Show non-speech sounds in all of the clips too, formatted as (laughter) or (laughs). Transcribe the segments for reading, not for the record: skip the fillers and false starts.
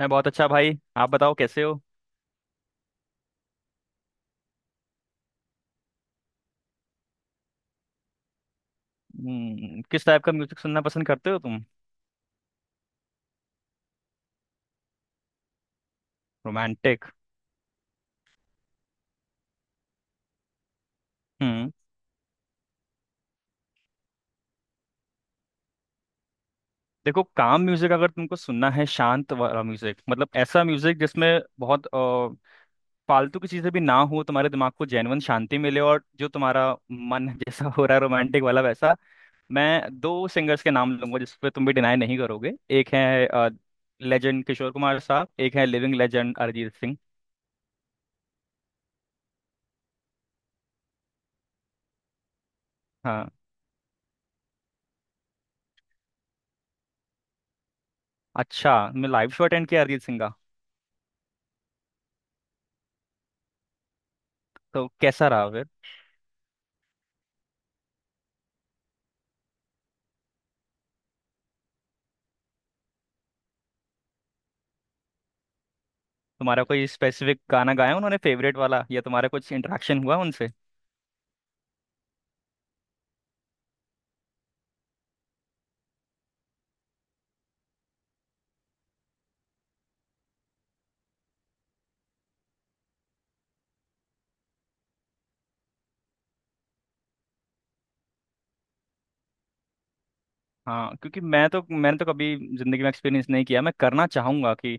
मैं बहुत अच्छा भाई। आप बताओ कैसे हो? किस टाइप का म्यूजिक सुनना पसंद करते हो तुम? रोमांटिक। हम्म। देखो, काम म्यूजिक अगर तुमको सुनना है, शांत वाला म्यूजिक, मतलब ऐसा म्यूजिक जिसमें बहुत फालतू की चीजें भी ना हो, तुम्हारे दिमाग को जेन्युइन शांति मिले, और जो तुम्हारा मन (laughs) जैसा हो रहा है रोमांटिक वाला वैसा। मैं दो सिंगर्स के नाम लूंगा जिस पे तुम भी डिनाई नहीं करोगे। एक है लेजेंड किशोर कुमार साहब, एक है लिविंग लेजेंड अरिजीत सिंह। हाँ, अच्छा, मैं लाइव शो अटेंड किया अरिजीत सिंह का। तो कैसा रहा? तुम्हारा कोई स्पेसिफिक गाना गाया उन्होंने फेवरेट वाला, या तुम्हारा कुछ इंटरेक्शन हुआ उनसे? हाँ, क्योंकि मैं तो, मैंने तो कभी जिंदगी में एक्सपीरियंस नहीं किया। मैं करना चाहूंगा कि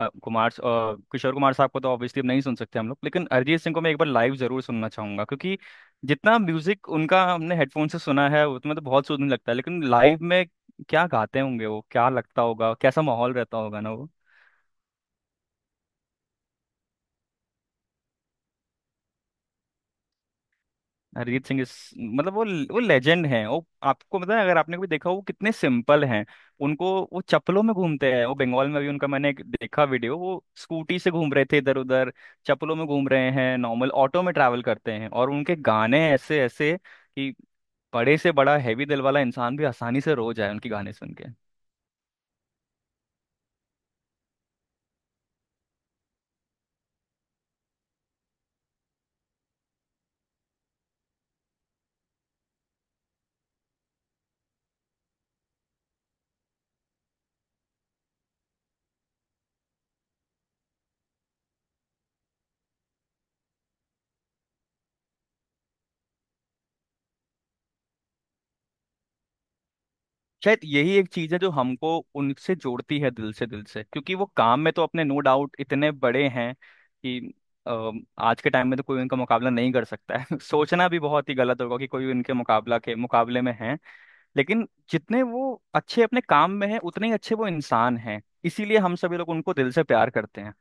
कुमार किशोर कुमार साहब को तो ऑब्वियसली अब नहीं सुन सकते हम लोग, लेकिन अरिजीत सिंह को मैं एक बार लाइव जरूर सुनना चाहूंगा, क्योंकि जितना म्यूजिक उनका हमने हेडफोन से सुना है उसमें तो बहुत सुकून लगता है, लेकिन लाइव में क्या गाते होंगे वो, क्या लगता होगा, कैसा माहौल रहता होगा ना वो। अरिजीत सिंह इस मतलब वो लेजेंड हैं। वो, आपको पता है, अगर आपने कभी देखा हो, वो कितने सिंपल हैं। उनको, वो चप्पलों में घूमते हैं, वो बंगाल में भी उनका मैंने एक देखा वीडियो, वो स्कूटी से घूम रहे थे इधर उधर, चप्पलों में घूम रहे हैं, नॉर्मल ऑटो में ट्रैवल करते हैं, और उनके गाने ऐसे ऐसे कि बड़े से बड़ा हैवी दिल वाला इंसान भी आसानी से रो जाए उनके गाने सुन के। शायद यही एक चीज है जो हमको उनसे जोड़ती है, दिल से, दिल से, क्योंकि वो काम में तो अपने नो डाउट इतने बड़े हैं कि आज के टाइम में तो कोई उनका मुकाबला नहीं कर सकता है। (laughs) सोचना भी बहुत ही गलत होगा कि कोई उनके मुकाबला के मुकाबले में है। लेकिन जितने वो अच्छे अपने काम में है, उतने ही अच्छे वो इंसान हैं, इसीलिए हम सभी लोग उनको दिल से प्यार करते हैं।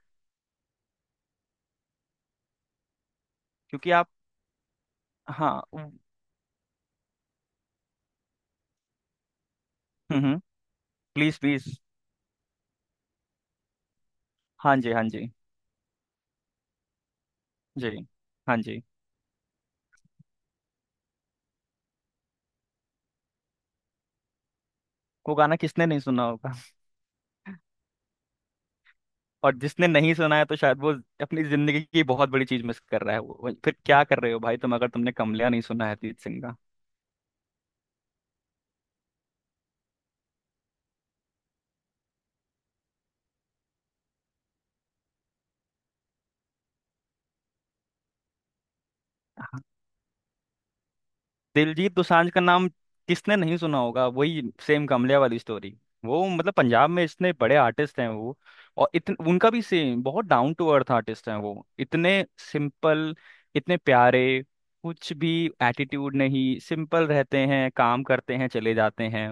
क्योंकि आप हाँ। हम्म। Please please. हाँ जी, हाँ जी। जी, हाँ जी। वो गाना किसने नहीं सुना होगा? और जिसने नहीं सुना है तो शायद वो अपनी जिंदगी की बहुत बड़ी चीज मिस कर रहा है। फिर क्या कर रहे हो भाई तुम, अगर तुमने कमलिया नहीं सुना है अरिजीत सिंह का। हाँ। दिलजीत दोसांझ का नाम किसने नहीं सुना होगा? वही सेम कमलिया वाली स्टोरी। वो मतलब पंजाब में इतने बड़े आर्टिस्ट हैं वो। और इतन उनका भी सेम, बहुत डाउन टू अर्थ आर्टिस्ट हैं वो, इतने सिंपल, इतने प्यारे, कुछ भी एटीट्यूड नहीं, सिंपल रहते हैं, काम करते हैं, चले जाते हैं।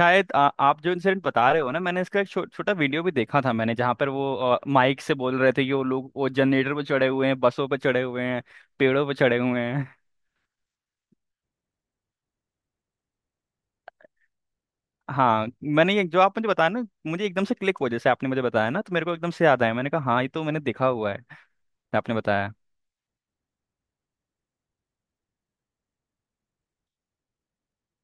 शायद आप जो इंसिडेंट बता रहे हो ना, मैंने इसका एक छोटा वीडियो भी देखा था, मैंने जहाँ पर वो माइक से बोल रहे थे कि वो लोग वो जनरेटर पे चढ़े हुए हैं, बसों पे चढ़े हुए हैं, पेड़ों पे चढ़े हुए हैं। हाँ, मैंने ये जो आप मुझे बताया ना, मुझे एकदम से क्लिक हो, जैसे आपने मुझे बताया ना तो मेरे को एकदम से याद आया, मैंने कहा हाँ ये तो मैंने देखा हुआ है, आपने बताया।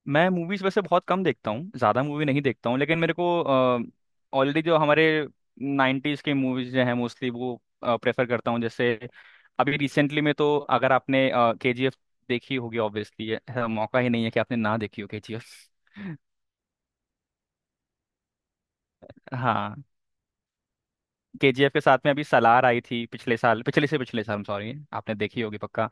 मैं मूवीज वैसे बहुत कम देखता हूँ, ज़्यादा मूवी नहीं देखता हूँ, लेकिन मेरे को ऑलरेडी जो हमारे 90s के मूवीज जो हैं मोस्टली वो प्रेफर करता हूँ। जैसे अभी रिसेंटली में तो, अगर आपने के जी एफ देखी होगी, ऑब्वियसली, मौका ही नहीं है कि आपने ना देखी हो के जी एफ। हाँ, के जी एफ के साथ में अभी सलार आई थी पिछले साल, पिछले से पिछले साल सॉरी, आपने देखी होगी पक्का।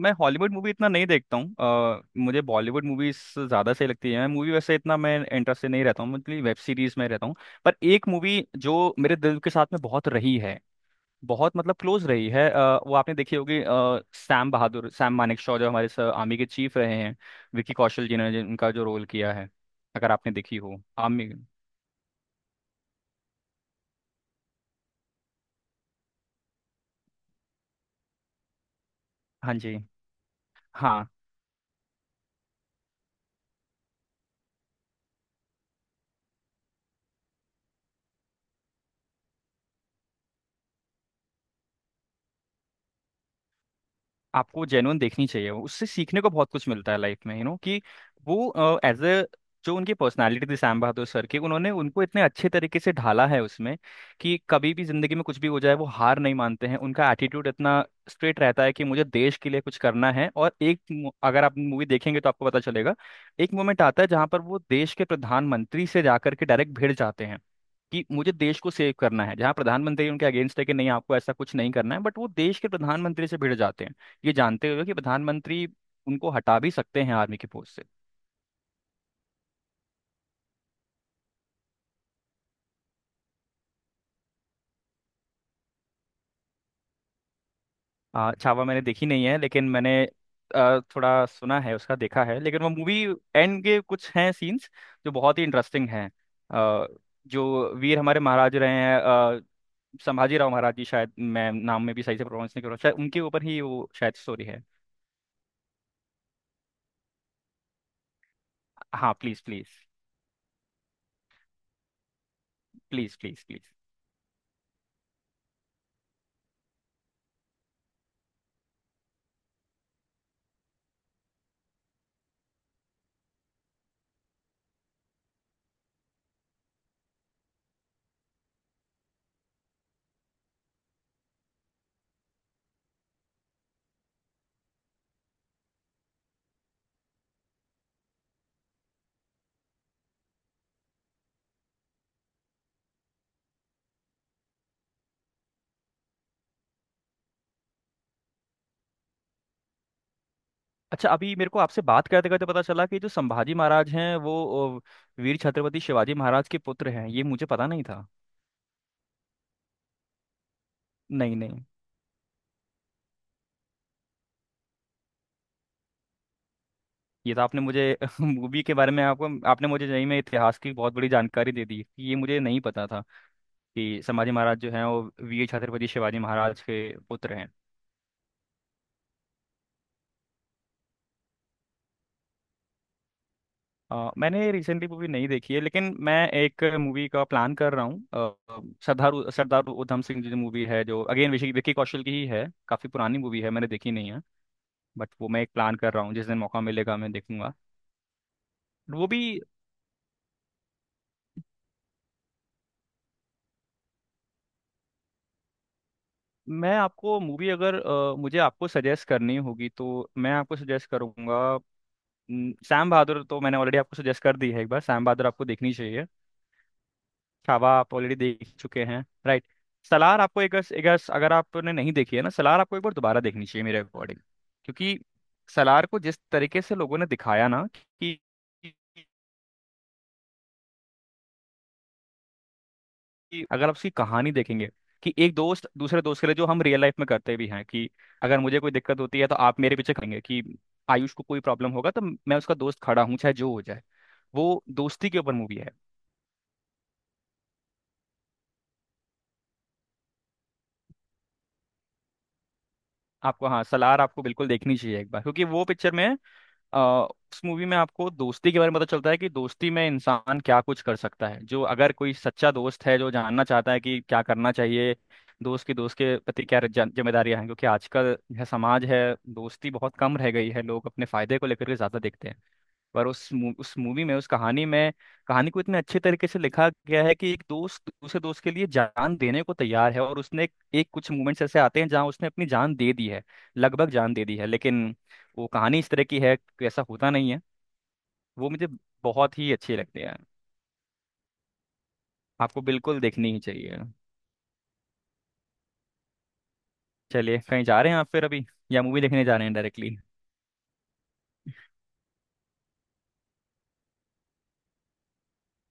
मैं हॉलीवुड मूवी इतना नहीं देखता हूँ। मुझे बॉलीवुड मूवीज ज़्यादा सही लगती है। मैं मूवी वैसे इतना मैं इंटरेस्टेड नहीं रहता हूँ, मतलब वेब सीरीज में रहता हूँ। पर एक मूवी जो मेरे दिल के साथ में बहुत रही है, बहुत मतलब क्लोज रही है, वो आपने देखी होगी, सैम बहादुर। सैम मानेकशॉ जो हमारे आर्मी के चीफ रहे हैं, विकी कौशल जी ने जिनका जो रोल किया है, अगर आपने देखी हो आर्मी। हाँ जी। हाँ। आपको जेन्युइन देखनी चाहिए, उससे सीखने को बहुत कुछ मिलता है लाइफ में, यू नो कि वो एज ए, जो उनकी पर्सनालिटी थी श्याम बहादुर सर की, उन्होंने उनको इतने अच्छे तरीके से ढाला है उसमें कि कभी भी जिंदगी में कुछ भी हो जाए वो हार नहीं मानते हैं। उनका एटीट्यूड इतना स्ट्रेट रहता है कि मुझे देश के लिए कुछ करना है, और अगर आप मूवी देखेंगे तो आपको पता चलेगा एक मोमेंट आता है जहां पर वो देश के प्रधानमंत्री से जाकर के डायरेक्ट भिड़ जाते हैं कि मुझे देश को सेव करना है, जहाँ प्रधानमंत्री उनके अगेंस्ट है कि नहीं आपको ऐसा कुछ नहीं करना है, बट वो देश के प्रधानमंत्री से भिड़ जाते हैं, ये जानते हुए कि प्रधानमंत्री उनको हटा भी सकते हैं आर्मी की पोस्ट से। छावा मैंने देखी नहीं है, लेकिन मैंने थोड़ा सुना है उसका, देखा है। लेकिन वो मूवी एंड के कुछ हैं सीन्स जो बहुत ही इंटरेस्टिंग हैं, आ, जो वीर हमारे महाराज रहे हैं संभाजी राव महाराज जी, शायद मैं नाम में भी सही से प्रोनाउंस नहीं कर रहा, शायद उनके ऊपर ही वो शायद स्टोरी है। हाँ। Please please please. Please please. अच्छा, अभी मेरे को आपसे बात करते करते पता चला कि जो संभाजी महाराज हैं वो वीर छत्रपति शिवाजी महाराज के पुत्र हैं, ये मुझे पता नहीं था। नहीं नहीं, ये तो आपने मुझे (laughs) मूवी के बारे में आपको, आपने मुझे, नहीं में इतिहास की बहुत बड़ी जानकारी दे दी, ये मुझे नहीं पता था कि संभाजी महाराज जो हैं वो वीर छत्रपति शिवाजी महाराज के पुत्र हैं। मैंने रिसेंटली मूवी नहीं देखी है, लेकिन मैं एक मूवी का प्लान कर रहा हूँ, सरदार उधम सिंह। जो मूवी है जो अगेन विकी विकी कौशल की ही है, काफ़ी पुरानी मूवी है, मैंने देखी नहीं है, बट वो मैं एक प्लान कर रहा हूँ, जिस दिन मौका मिलेगा मैं देखूंगा। वो भी मैं आपको मूवी, अगर मुझे आपको सजेस्ट करनी होगी तो मैं आपको सजेस्ट करूंगा। न, सैम बहादुर तो मैंने ऑलरेडी आपको सजेस्ट कर दी है, एक बार सैम बहादुर आपको देखनी चाहिए। छावा आप ऑलरेडी देख चुके हैं, राइट? सलार आपको एक एक, अगर आपने नहीं देखी है ना, सलार आपको एक बार दोबारा देखनी चाहिए मेरे अकॉर्डिंग। क्योंकि सलार को जिस तरीके से लोगों ने दिखाया ना, कि कि अगर आप उसकी कहानी देखेंगे कि एक दोस्त दूसरे दोस्त के लिए, जो हम रियल लाइफ में करते भी हैं कि अगर मुझे कोई दिक्कत होती है तो आप मेरे पीछे खड़ेंगे, कि आयुष को कोई प्रॉब्लम होगा तो मैं उसका दोस्त खड़ा हूँ चाहे जो हो जाए। वो दोस्ती के ऊपर मूवी है। आपको, हाँ, सलार आपको बिल्कुल देखनी चाहिए एक बार। क्योंकि वो पिक्चर में, आ, उस मूवी में आपको दोस्ती के बारे में पता चलता है कि दोस्ती में इंसान क्या कुछ कर सकता है, जो अगर कोई सच्चा दोस्त है जो जानना चाहता है कि क्या करना चाहिए, दोस्त की दोस्त के प्रति क्या जिम्मेदारियां हैं। क्योंकि आजकल यह समाज है, दोस्ती बहुत कम रह गई है, लोग अपने फायदे को लेकर के ज्यादा देखते हैं। पर उस मूवी में, उस कहानी में, कहानी को इतने अच्छे तरीके से लिखा गया है कि एक दोस्त दूसरे दोस्त के लिए जान देने को तैयार है, और उसने एक कुछ मोमेंट्स ऐसे आते हैं जहां उसने अपनी जान दे दी है, लगभग जान दे दी है, लेकिन वो कहानी इस तरह की है कि ऐसा होता नहीं है। वो मुझे बहुत ही अच्छी लगती है। आपको बिल्कुल देखनी ही चाहिए। चलिए, कहीं जा रहे हैं आप फिर अभी, या मूवी देखने जा रहे हैं डायरेक्टली?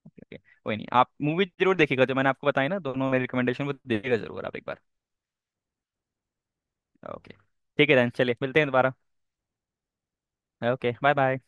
ओके, कोई नहीं, आप मूवी जरूर देखिएगा, जो मैंने आपको बताई ना दोनों मेरी रिकमेंडेशन, वो देखिएगा जरूर आप एक बार। ओके, ठीक है, देन चलिए मिलते हैं दोबारा। Okay bye bye.